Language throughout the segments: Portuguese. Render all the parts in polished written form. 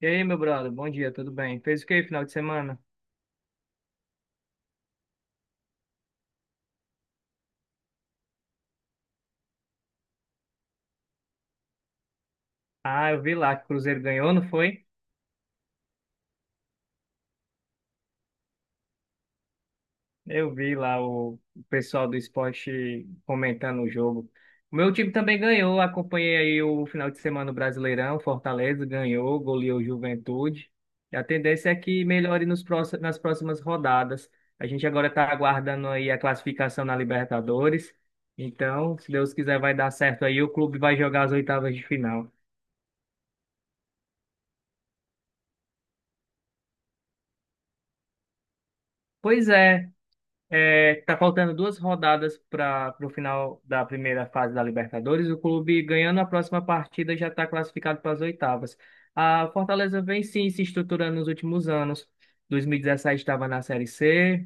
E aí, meu brother, bom dia, tudo bem? Fez o que final de semana? Ah, eu vi lá que o Cruzeiro ganhou, não foi? Eu vi lá o pessoal do esporte comentando o jogo. O meu time também ganhou, acompanhei aí o final de semana do Brasileirão, Fortaleza ganhou, goleou o Juventude. E a tendência é que melhore nas próximas rodadas. A gente agora está aguardando aí a classificação na Libertadores. Então, se Deus quiser, vai dar certo aí, o clube vai jogar as oitavas de final. Pois é. É, tá faltando duas rodadas para o final da primeira fase da Libertadores. O clube ganhando a próxima partida já está classificado para as oitavas. A Fortaleza vem sim se estruturando nos últimos anos. 2017 estava na Série C.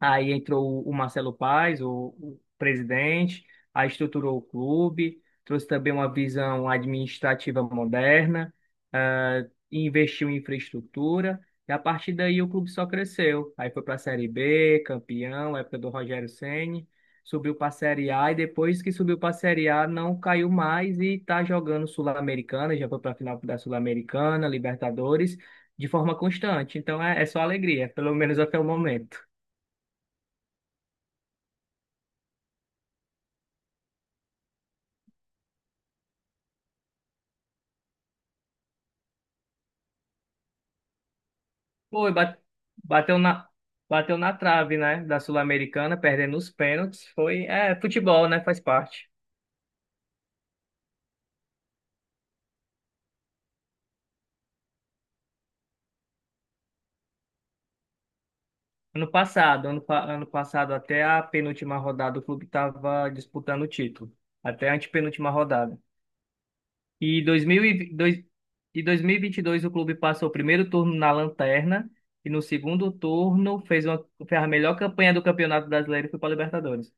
Aí entrou o Marcelo Paes, o presidente, aí estruturou o clube, trouxe também uma visão administrativa moderna, ah, e investiu em infraestrutura, e a partir daí o clube só cresceu. Aí foi para a Série B, campeão, época do Rogério Ceni, subiu para a Série A, e depois que subiu para a Série A não caiu mais e está jogando Sul-Americana, já foi para a final da Sul-Americana, Libertadores, de forma constante. Então é só alegria, pelo menos até o momento. Foi, bateu na, bateu na trave, né, da Sul-Americana, perdendo os pênaltis. Foi, é, futebol, né, faz parte. Ano passado, ano passado até a penúltima rodada o clube estava disputando o título, até a antepenúltima rodada. E dois mil e vinte e dois o clube passou o primeiro turno na lanterna e no segundo turno fez a melhor campanha do Campeonato Brasileiro e foi para Libertadores.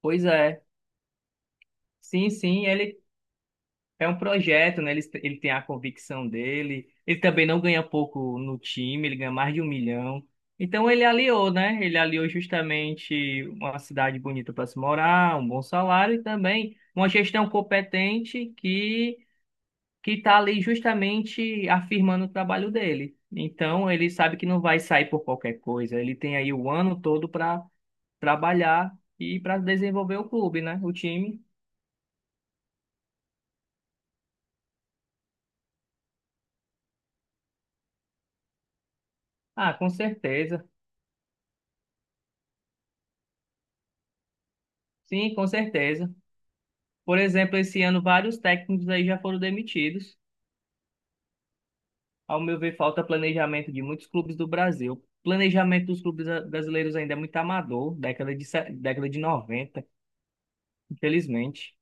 Pois é, sim, sim, ele é um projeto, né? Ele tem a convicção dele. Ele também não ganha pouco no time, ele ganha mais de 1 milhão. Então ele aliou, né? Ele aliou justamente uma cidade bonita para se morar, um bom salário e também uma gestão competente que está ali justamente afirmando o trabalho dele. Então ele sabe que não vai sair por qualquer coisa. Ele tem aí o ano todo para trabalhar e para desenvolver o clube, né? O time. Ah, com certeza. Sim, com certeza. Por exemplo, esse ano vários técnicos aí já foram demitidos. Ao meu ver, falta planejamento de muitos clubes do Brasil. Planejamento dos clubes brasileiros ainda é muito amador, década de, década de 90, infelizmente.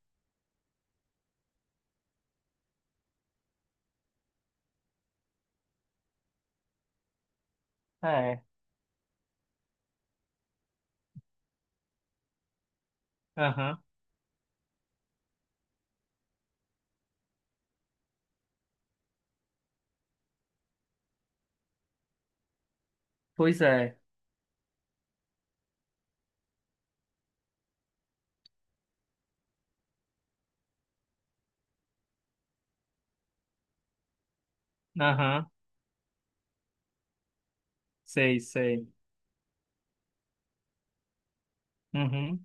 É, aham, pois é, aham. Sei, sei. Uhum.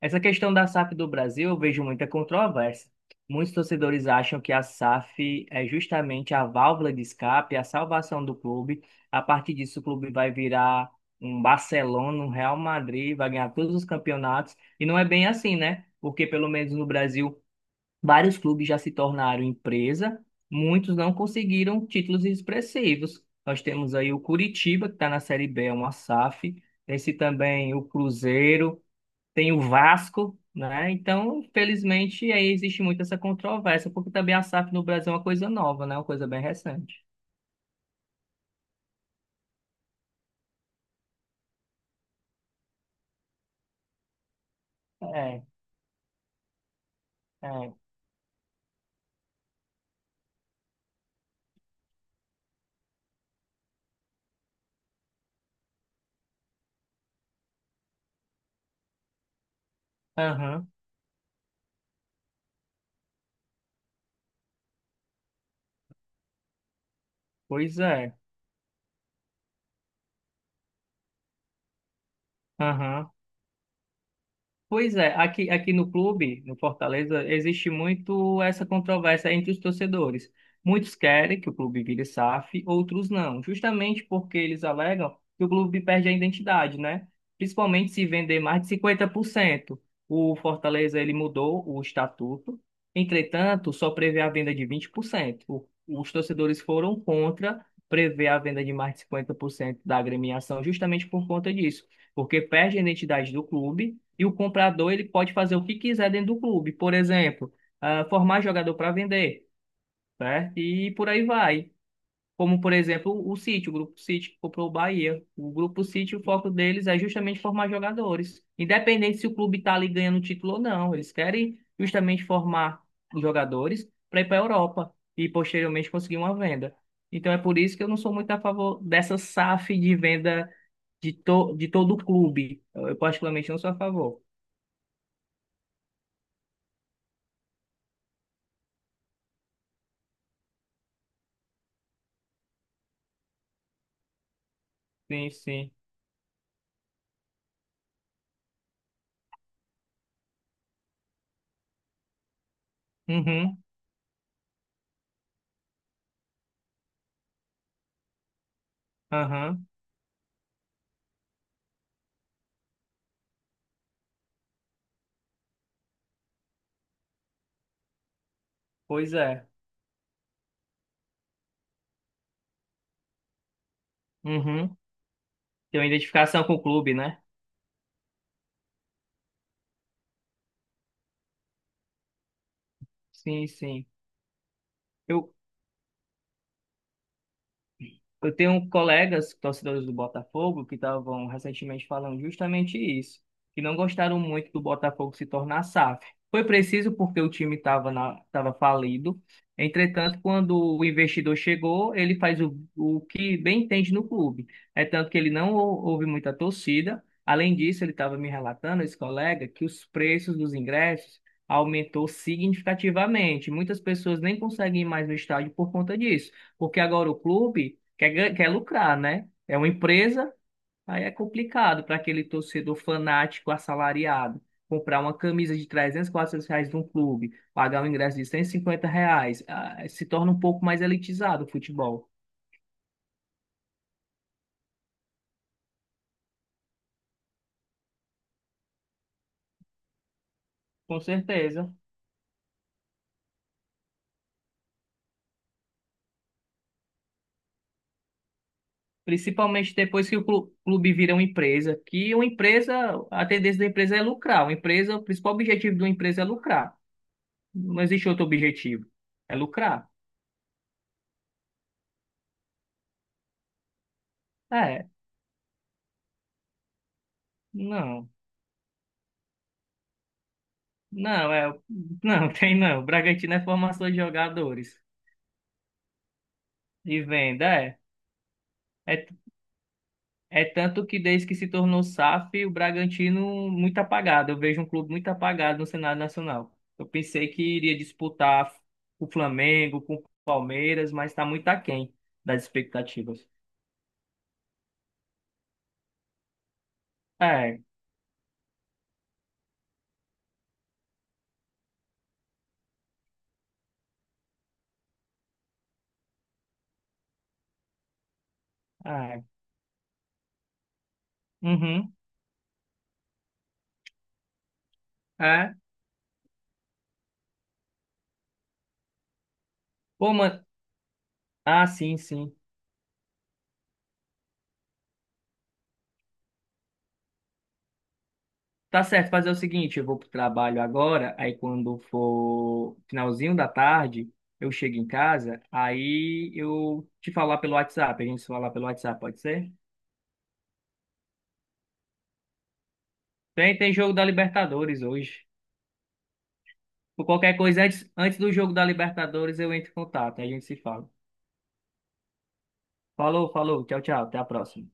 Essa questão da SAF do Brasil, eu vejo muita controvérsia. Muitos torcedores acham que a SAF é justamente a válvula de escape, a salvação do clube. A partir disso, o clube vai virar um Barcelona, um Real Madrid, vai ganhar todos os campeonatos. E não é bem assim, né? Porque, pelo menos no Brasil, vários clubes já se tornaram empresa, muitos não conseguiram títulos expressivos. Nós temos aí o Curitiba, que está na Série B, é uma SAF. Esse também, o Cruzeiro tem o Vasco, né? Então, infelizmente, aí existe muito essa controvérsia, porque também a SAF no Brasil é uma coisa nova, né? Uma coisa bem recente. É, é. Aham, pois é. Aham. Pois é, aqui no clube, no Fortaleza, existe muito essa controvérsia entre os torcedores. Muitos querem que o clube vire SAF, outros não, justamente porque eles alegam que o clube perde a identidade, né? Principalmente se vender mais de 50%. O Fortaleza, ele mudou o estatuto, entretanto, só prevê a venda de 20%. Os torcedores foram contra prever a venda de mais de 50% da agremiação justamente por conta disso, porque perde a identidade do clube e o comprador ele pode fazer o que quiser dentro do clube. Por exemplo, ah, formar jogador para vender, certo? E por aí vai. Como, por exemplo, o City, o Grupo City que comprou o Bahia. O Grupo City, o foco deles é justamente formar jogadores. Independente se o clube está ali ganhando título ou não, eles querem justamente formar jogadores para ir para a Europa e posteriormente conseguir uma venda. Então é por isso que eu não sou muito a favor dessa SAF de venda de todo o clube. Eu particularmente não sou a favor. Sim, sim. Uhum, aham, pois é. Uhum. Tem uma identificação com o clube, né? Sim, sim. Eu, Eu tenho colegas torcedores do Botafogo que estavam recentemente falando justamente isso, que não gostaram muito do Botafogo se tornar SAF. Foi preciso porque o time tava falido. Entretanto, quando o investidor chegou, ele faz o que bem entende no clube. É tanto que ele não houve muita torcida. Além disso, ele estava me relatando, esse colega, que os preços dos ingressos aumentou significativamente. Muitas pessoas nem conseguem ir mais no estádio por conta disso porque agora o clube quer lucrar, né? É uma empresa, aí é complicado para aquele torcedor fanático assalariado comprar uma camisa de 300 400 reais de um clube, pagar um ingresso de R$ 150, ah, se torna um pouco mais elitizado o futebol. Com certeza. Principalmente depois que o clube vira uma empresa, que uma empresa, a tendência da empresa é lucrar. Uma empresa, o principal objetivo de uma empresa é lucrar. Não existe outro objetivo. É lucrar? É, não. Não, é, não, tem não. O Bragantino é formação de jogadores e venda, é. É, é tanto que desde que se tornou SAF, o Bragantino muito apagado. Eu vejo um clube muito apagado no cenário nacional. Eu pensei que iria disputar com o Flamengo, com o Palmeiras, mas está muito aquém das expectativas. É, é. Uhum, é. Pô, mano. Ah, sim, sim. Tá certo, fazer o seguinte, eu vou pro trabalho agora, aí quando for finalzinho da tarde, eu chego em casa, aí eu te falar pelo WhatsApp, a gente se falar pelo WhatsApp, pode ser? Tem, tem jogo da Libertadores hoje. Por qualquer coisa, antes do jogo da Libertadores, eu entro em contato, aí a gente se fala. Falou, falou, tchau, tchau, até a próxima.